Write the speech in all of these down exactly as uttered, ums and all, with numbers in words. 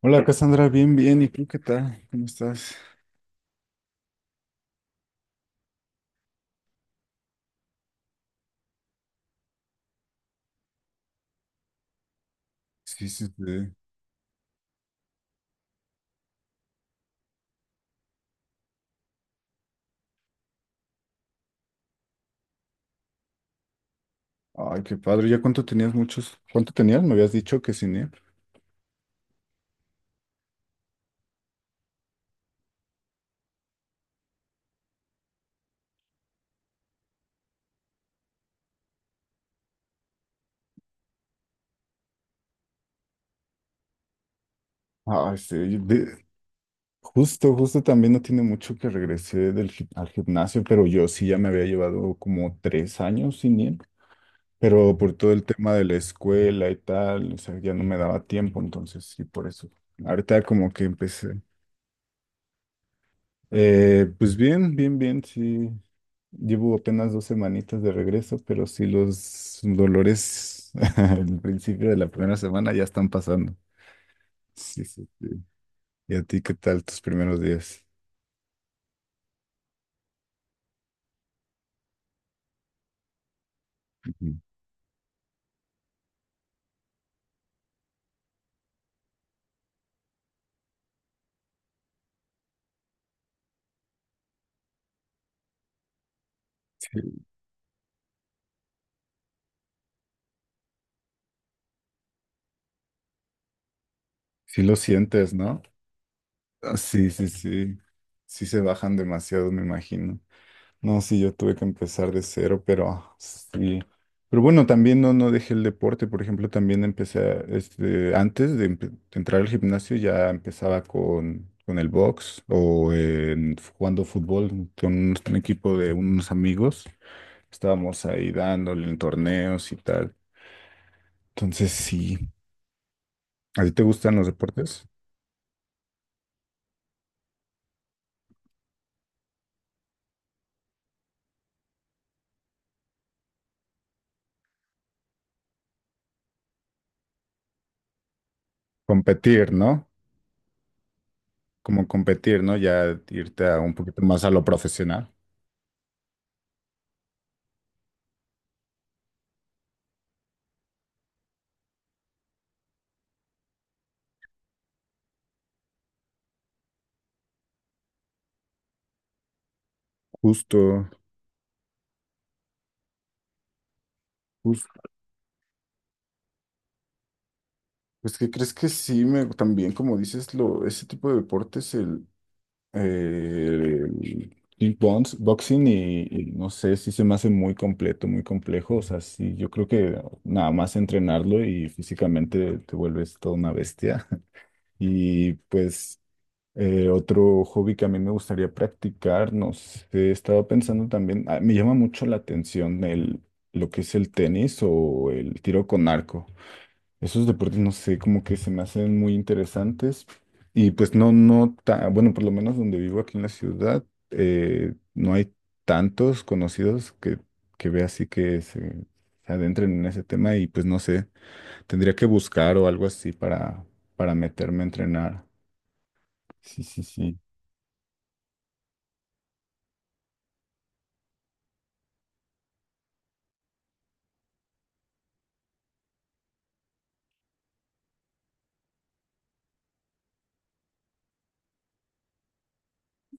Hola Cassandra, bien, bien. ¿Y tú qué tal? ¿Cómo estás? Sí, sí, sí. Ay, qué padre. ¿Ya cuánto tenías muchos? ¿Cuánto tenías? Me habías dicho que cine. Ay, sí. de- Justo, justo también no tiene mucho que regresé del, gi- al gimnasio, pero yo sí ya me había llevado como tres años sin ir, pero por todo el tema de la escuela y tal, o sea, ya no me daba tiempo, entonces sí, por eso. Ahorita como que empecé. Eh, pues bien, bien, bien, sí. Llevo apenas dos semanitas de regreso, pero sí los dolores al principio de la primera semana ya están pasando. Sí, sí, sí. ¿Y a ti qué tal tus primeros días? Ujú. Sí, sí lo sientes, ¿no? Ah, sí, sí, sí. Sí se bajan demasiado, me imagino. No, sí, yo tuve que empezar de cero, pero sí. Pero bueno, también no, no dejé el deporte. Por ejemplo, también empecé, a- este, antes de, empe- de entrar al gimnasio, ya empezaba con, con el box o en- jugando fútbol con un, un equipo de unos amigos. Estábamos ahí dándole en torneos y tal. Entonces, sí. ¿A ti te gustan los deportes? Competir, ¿no? Como competir, ¿no? Ya irte a un poquito más a lo profesional. Justo. Justo. Pues que crees que sí, me, también como dices, lo, ese tipo de deportes, el, eh, el kickbox- boxing y, y no sé, sí se me hace muy completo, muy complejo. O sea, sí, yo creo que nada más entrenarlo y físicamente te vuelves toda una bestia. Y pues eh, otro hobby que a mí me gustaría practicar, no sé, estaba pensando también, ah, me llama mucho la atención el, lo que es el tenis o el tiro con arco. Esos deportes, no sé, como que se me hacen muy interesantes. Y pues no, no, ta- bueno, por lo menos donde vivo aquí en la ciudad, eh, no hay tantos conocidos que, que vea así que se, se adentren en ese tema y pues no sé, tendría que buscar o algo así para, para meterme a entrenar. Sí, sí, sí.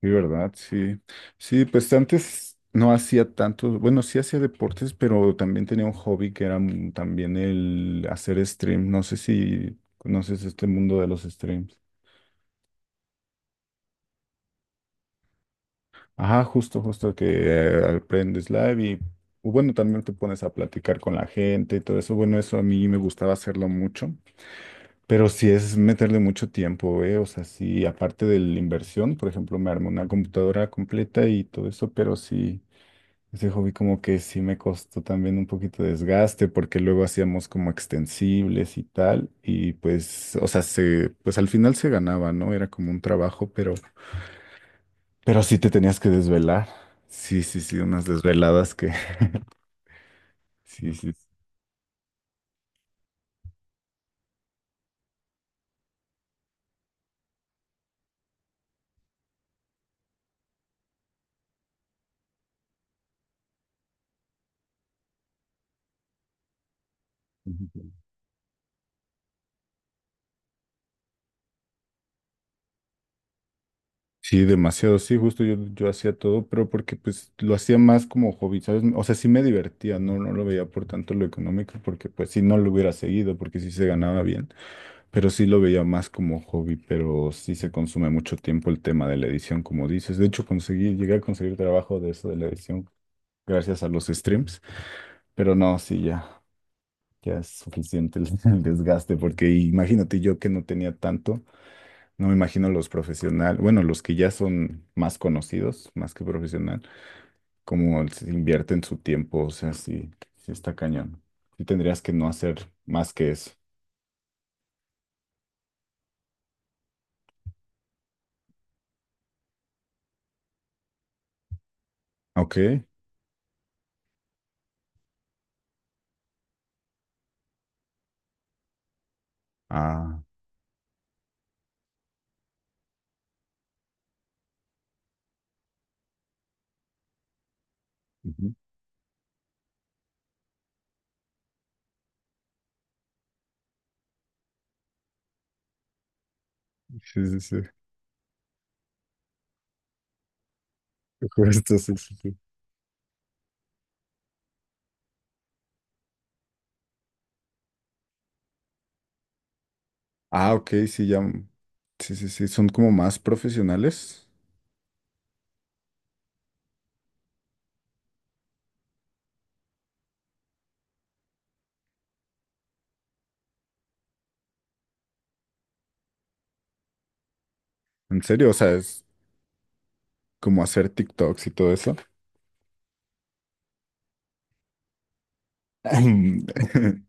Sí, ¿verdad? Sí. Sí, pues antes no hacía tanto, bueno, sí hacía deportes, pero también tenía un hobby que era mm, también el hacer stream. No sé si conoces este mundo de los streams. Ajá, justo, justo que eh, aprendes live y o bueno, también te pones a platicar con la gente y todo eso. Bueno, eso a mí me gustaba hacerlo mucho, pero sí es meterle mucho tiempo, ¿eh? O sea, sí, aparte de la inversión, por ejemplo, me armé una computadora completa y todo eso, pero sí. Ese hobby como que sí me costó también un poquito de desgaste porque luego hacíamos como extensibles y tal y pues, o sea, se, pues al final se ganaba, ¿no? Era como un trabajo, pero, pero sí te tenías que desvelar. Sí, sí, sí, unas desveladas que, sí, sí. Sí. Sí, demasiado, sí, justo yo, yo hacía todo, pero porque pues lo hacía más como hobby, ¿sabes? O sea, sí me divertía, no, no lo veía por tanto lo económico, porque pues si no lo hubiera seguido, porque sí se ganaba bien. Pero sí lo veía más como hobby, pero sí se consume mucho tiempo el tema de la edición, como dices. De hecho, conseguí, llegué a conseguir trabajo de eso de la edición gracias a los streams, pero no, sí, ya, ya es suficiente el, el desgaste, porque imagínate yo que no tenía tanto, no me imagino los profesionales, bueno, los que ya son más conocidos, más que profesional, cómo se invierten su tiempo, o sea, sí, sí está cañón. Sí tendrías que no hacer más que eso. Ok. Ah. Ujú. Sí, sí, sí. Justo, sí, sí, sí. Ah, ok, sí, ya. mm, Sí, sí, sí, son como más profesionales. ¿En serio? O sea, es como hacer TikToks y todo eso.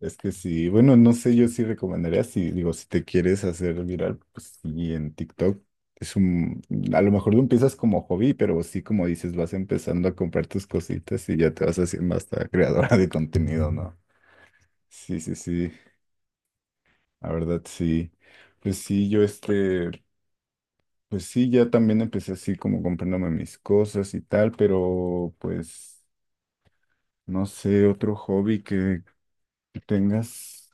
Es que sí, bueno, no sé, yo sí recomendaría, si digo, si te quieres hacer viral, pues sí, en TikTok. Es un, mm, a lo mejor lo empiezas como hobby, pero sí, como dices, vas empezando a comprar tus cositas y ya te vas haciendo hasta creadora de contenido, ¿no? Sí, sí, sí, la verdad, sí. Pues sí, yo este... Pues sí, ya también empecé así como comprándome mis cosas y tal, pero pues no sé, otro hobby que, que tengas.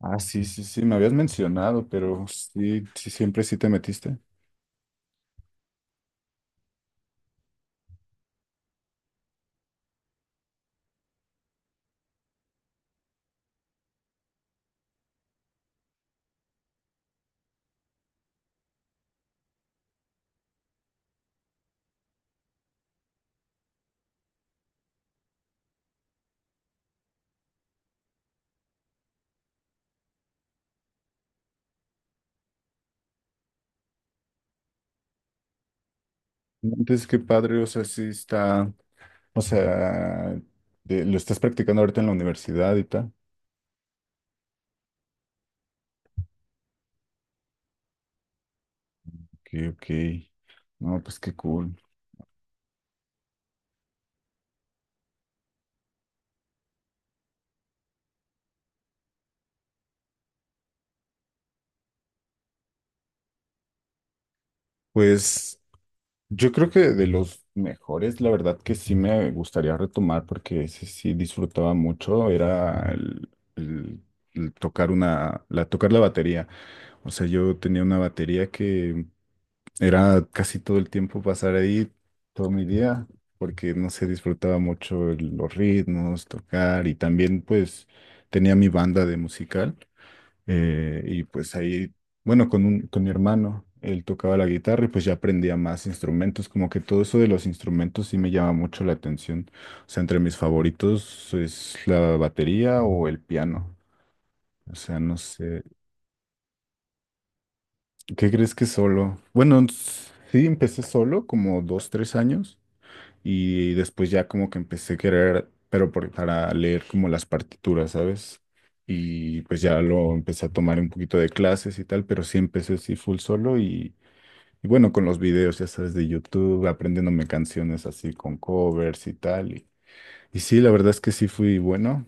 Ah, sí, sí, sí, me habías mencionado, pero sí, sí, siempre sí te metiste. Entonces, qué padre, o sea, sí está, o sea, de- lo estás practicando ahorita en la universidad y tal. Ok, ok. No, pues qué cool. Pues. Yo creo que de los mejores, la verdad que sí me gustaría retomar porque ese sí disfrutaba mucho, era el, el- el tocar una, la, tocar la batería. O sea, yo tenía una batería que era casi todo el tiempo pasar ahí todo mi día porque no sé, disfrutaba mucho el- los ritmos, tocar y también pues tenía mi banda de musical. Eh, y pues ahí, bueno, con un, con mi hermano, él tocaba la guitarra y pues ya aprendía más instrumentos, como que todo eso de los instrumentos sí me llama mucho la atención. O sea, entre mis favoritos es la batería o el piano. O sea, no sé, ¿qué crees que solo? Bueno, s- sí, empecé solo como dos, tres años. Y después ya como que empecé a querer, pero por- para leer como las partituras, ¿sabes? Y pues ya lo empecé a tomar un poquito de clases y tal, pero sí empecé así full solo y, y bueno, con los videos, ya sabes, de YouTube, aprendiéndome canciones así con covers y tal. Y, y sí, la verdad es que sí fui bueno,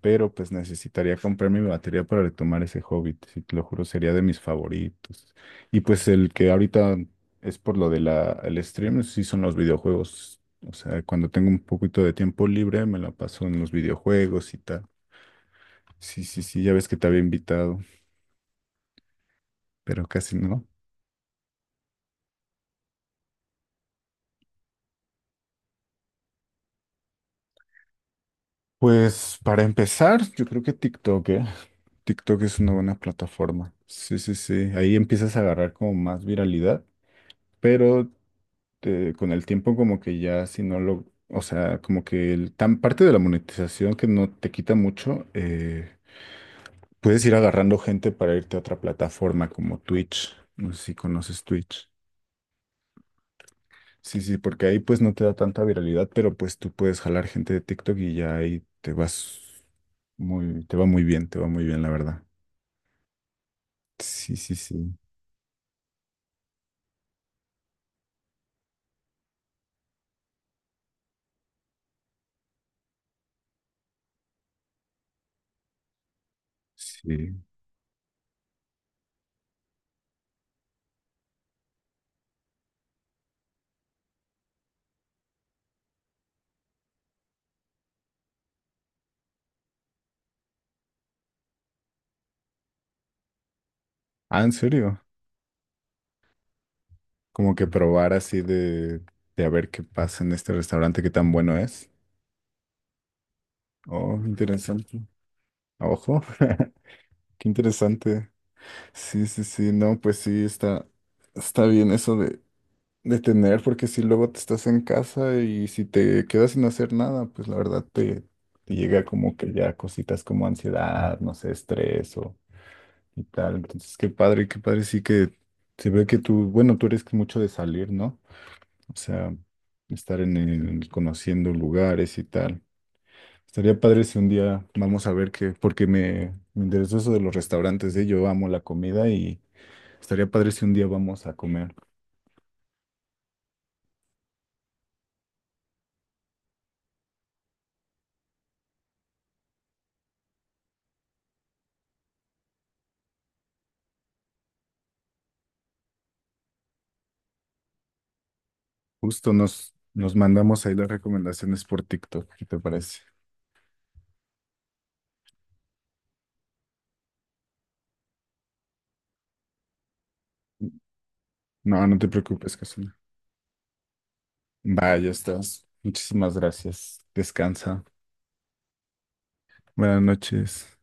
pero pues necesitaría comprarme mi batería para retomar ese hobby. Sí, te lo juro, sería de mis favoritos. Y pues el que ahorita es por lo de la, el stream, sí son los videojuegos. O sea, cuando tengo un poquito de tiempo libre, me la paso en los videojuegos y tal. Sí, sí, sí, ya ves que te había invitado, pero casi no. Pues para empezar, yo creo que TikTok, ¿eh? TikTok es una buena plataforma. Sí, sí, sí. Ahí empiezas a agarrar como más viralidad, pero eh, con el tiempo como que ya si no lo, o sea, como que el, tan parte de la monetización que no te quita mucho, eh, puedes ir agarrando gente para irte a otra plataforma como Twitch. No sé si conoces Twitch. Sí, sí, porque ahí pues no te da tanta viralidad, pero pues tú puedes jalar gente de TikTok y ya ahí te vas muy, te va muy bien, te va muy bien, la verdad. Sí, sí, sí, sí. Ah, ¿en serio? Como que probar así de, de a ver qué pasa en este restaurante, qué tan bueno es. Oh, interesante. Ojo, qué interesante. Sí, sí, sí, no, pues sí, está, está bien eso de, de tener, porque si luego te estás en casa y si te quedas sin hacer nada, pues la verdad te, te llega como que ya cositas como ansiedad, no sé, estrés o y tal. Entonces, qué padre, qué padre, sí que se ve que tú, bueno, tú eres mucho de salir, ¿no? O sea, estar en el, conociendo lugares y tal. Estaría padre si un día vamos a ver qué, porque me, me interesó eso de los restaurantes, ¿eh? Yo amo la comida y estaría padre si un día vamos a comer. Justo nos, nos mandamos ahí las recomendaciones por TikTok, ¿qué te parece? No, no te preocupes, Casuna. Vaya, estás. Muchísimas gracias. Descansa. Buenas noches.